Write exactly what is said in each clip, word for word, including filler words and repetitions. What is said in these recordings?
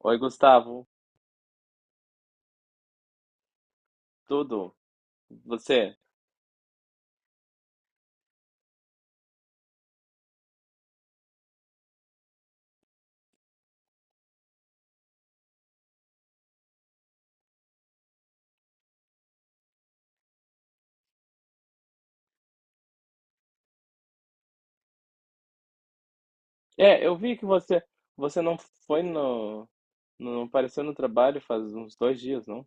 Oi, Gustavo. Tudo? Você? É, eu vi que você você não foi no não apareceu no trabalho faz uns dois dias, não?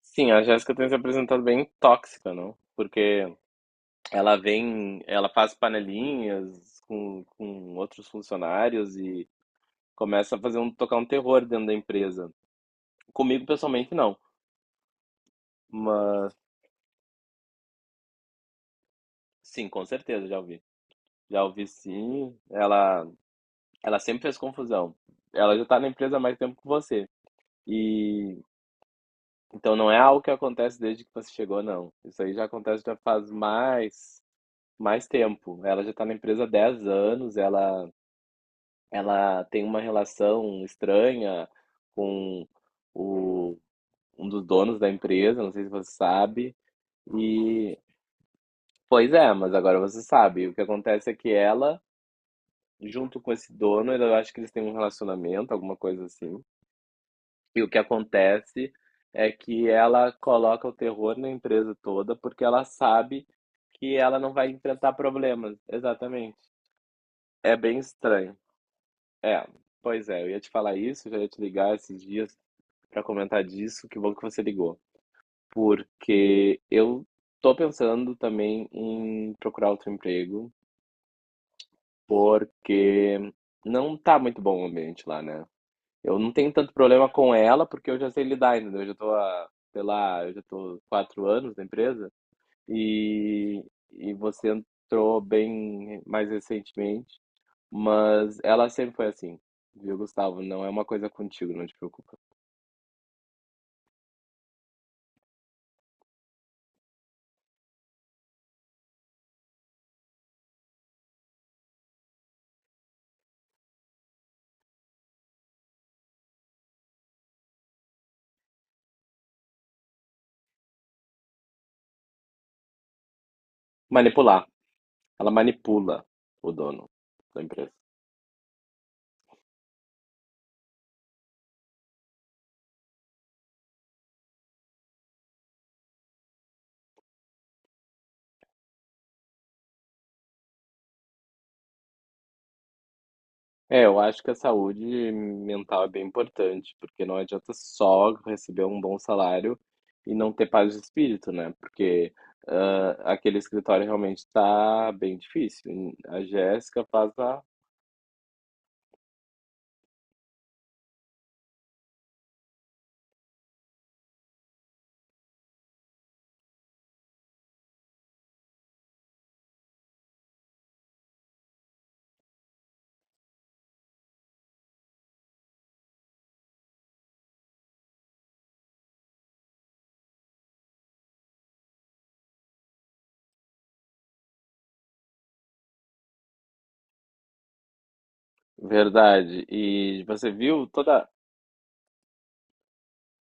Sim, a Jéssica tem se apresentado bem tóxica, não? Porque ela vem, ela faz panelinhas com, com outros funcionários e começa a fazer um tocar um terror dentro da empresa. Comigo pessoalmente não, mas sim, com certeza já ouvi. Já ouvi, sim. Ela ela sempre fez confusão. Ela já tá na empresa há mais tempo que você. E então não é algo que acontece desde que você chegou, não. Isso aí já acontece, já faz mais mais tempo. Ela já está na empresa há dez anos, ela ela tem uma relação estranha com o um dos donos da empresa, não sei se você sabe. E pois é, mas agora você sabe. O que acontece é que ela, junto com esse dono, eu acho que eles têm um relacionamento, alguma coisa assim. E o que acontece é que ela coloca o terror na empresa toda porque ela sabe que ela não vai enfrentar problemas. Exatamente. É bem estranho. É, pois é, eu ia te falar isso, já ia te ligar esses dias para comentar disso, que bom que você ligou. Porque eu tô pensando também em procurar outro emprego, porque não tá muito bom o ambiente lá, né? Eu não tenho tanto problema com ela, porque eu já sei lidar, entendeu? Eu já tô há, sei lá, eu já tô quatro anos na empresa e, e você entrou bem mais recentemente, mas ela sempre foi assim, viu, Gustavo? Não é uma coisa contigo, não te preocupa. Manipular. Ela manipula o dono da empresa. É, eu acho que a saúde mental é bem importante, porque não adianta só receber um bom salário e não ter paz de espírito, né? Porque ah, aquele escritório realmente está bem difícil. A Jéssica faz a verdade. E você viu toda.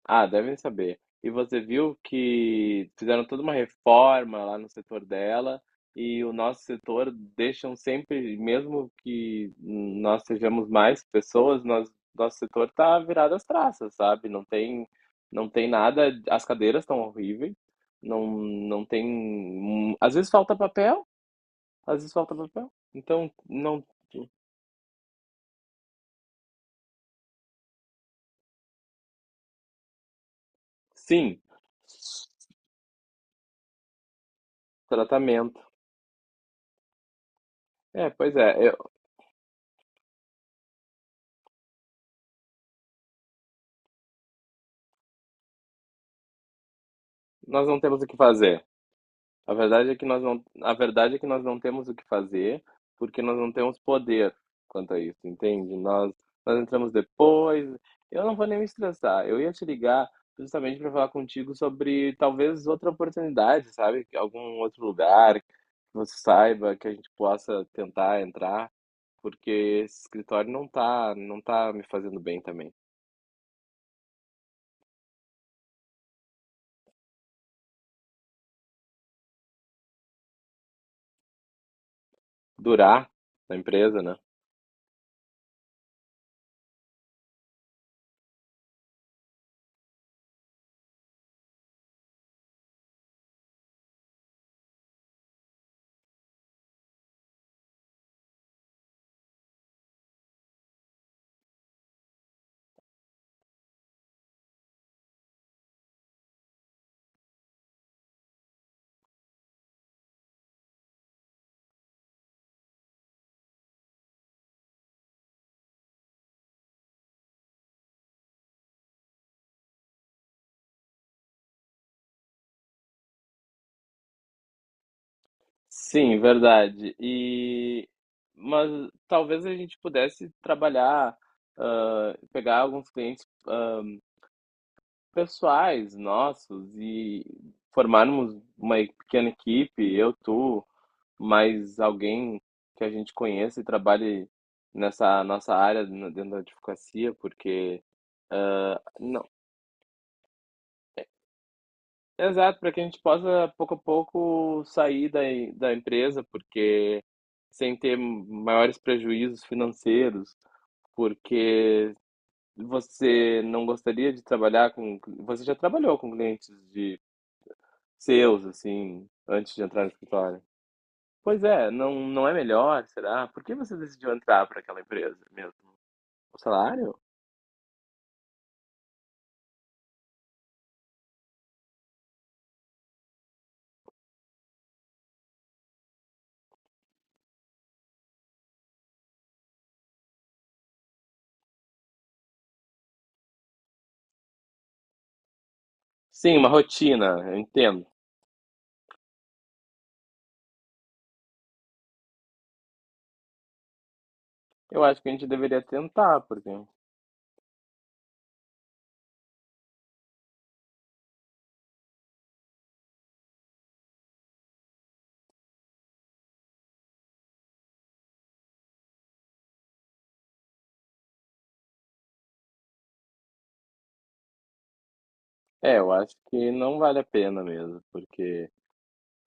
Ah, devem saber. E você viu que fizeram toda uma reforma lá no setor dela, e o nosso setor deixam sempre, mesmo que nós sejamos mais pessoas, nós, nosso setor tá virado às traças, sabe? Não tem, não tem nada, as cadeiras estão horríveis, não, não tem, às vezes falta papel, às vezes falta papel. Então, não, sim, tratamento. É, pois é, eu- nós não temos o que fazer. A verdade é que nós não, a verdade é que nós não temos o que fazer, porque nós não temos poder quanto a isso, entende? Nós, nós entramos depois. Eu não vou nem me estressar. Eu ia te ligar justamente para falar contigo sobre talvez outra oportunidade, sabe? Algum outro lugar que você saiba que a gente possa tentar entrar, porque esse escritório não tá, não tá me fazendo bem também. Durar na empresa, né? Sim, verdade. E mas talvez a gente pudesse trabalhar, ah, pegar alguns clientes, ah, pessoais nossos e formarmos uma pequena equipe, eu, tu, mais alguém que a gente conheça e trabalhe nessa nossa área no- dentro da advocacia, porque não, exato, para que a gente possa, pouco a pouco, sair da, da empresa, porque sem ter maiores prejuízos financeiros. Porque você não gostaria de trabalhar com. Você já trabalhou com clientes de seus, assim, antes de entrar no escritório? Pois é, não, não é melhor, será? Por que você decidiu entrar para aquela empresa mesmo? O salário? Sim, uma rotina, eu entendo. Eu acho que a gente deveria tentar, porque. É, eu acho que não vale a pena mesmo, porque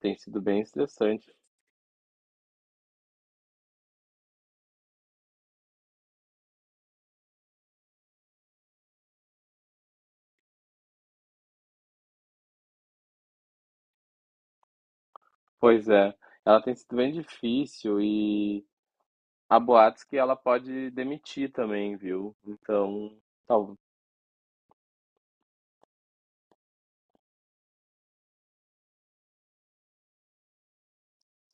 tem sido bem estressante. Pois é, ela tem sido bem difícil e. Há boatos que ela pode demitir também, viu? Então, tal,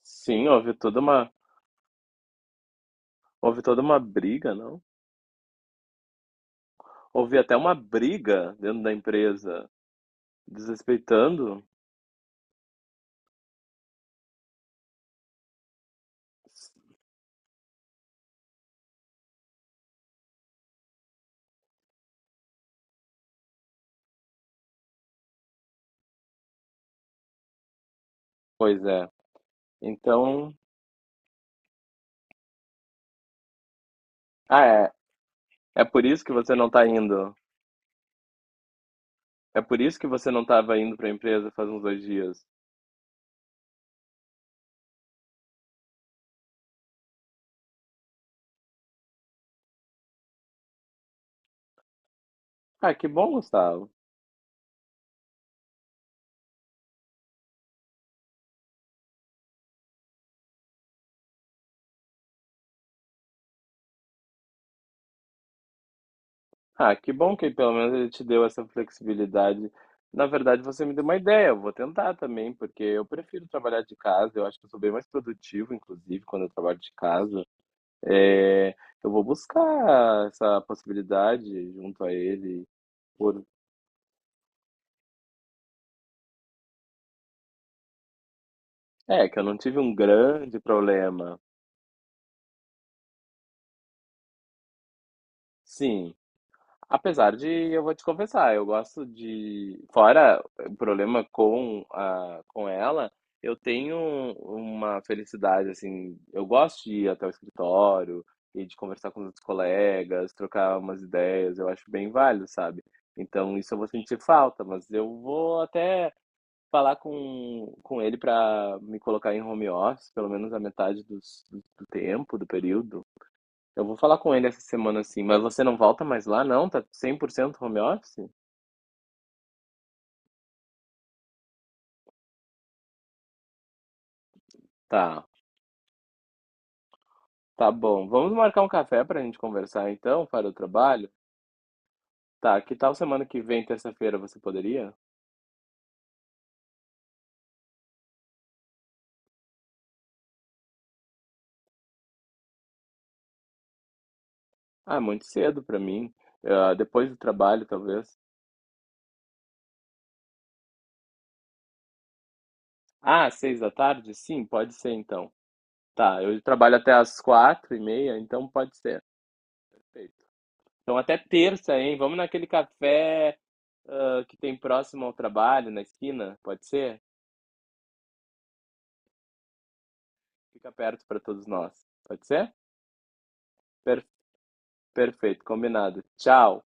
sim, houve toda uma, houve toda uma briga, não? Houve até uma briga dentro da empresa, desrespeitando. Pois é. Então, ah, é. É por isso que você não tá indo. É por isso que você não tava indo pra empresa faz uns dois dias. Ah, que bom, Gustavo. Ah, que bom que pelo menos ele te deu essa flexibilidade. Na verdade, você me deu uma ideia, eu vou tentar também, porque eu prefiro trabalhar de casa, eu acho que eu sou bem mais produtivo, inclusive, quando eu trabalho de casa. É, eu vou buscar essa possibilidade junto a ele, por... É, que eu não tive um grande problema. Sim, apesar de, eu vou te confessar, eu gosto de. Fora o problema com, a, com ela, eu tenho uma felicidade, assim. Eu gosto de ir até o escritório e de conversar com os outros colegas, trocar umas ideias, eu acho bem válido, sabe? Então, isso eu vou sentir falta, mas eu vou até falar com, com ele para me colocar em home office, pelo menos a metade dos, do, do tempo, do período, eu vou falar com ele essa semana assim, mas você não volta mais lá, não? Tá cem por cento home office? Tá, tá bom. Vamos marcar um café pra gente conversar então, para o trabalho? Tá, que tal semana que vem, terça-feira, você poderia? Ah, muito cedo pra mim. Ah, depois do trabalho, talvez. Ah, seis da tarde? Sim, pode ser então. Tá, eu trabalho até às quatro e meia, então pode ser. Perfeito. Então até terça, hein? Vamos naquele café, ah, que tem próximo ao trabalho, na esquina, pode ser? Fica perto para todos nós. Pode ser? Per- perfeito, combinado. Tchau.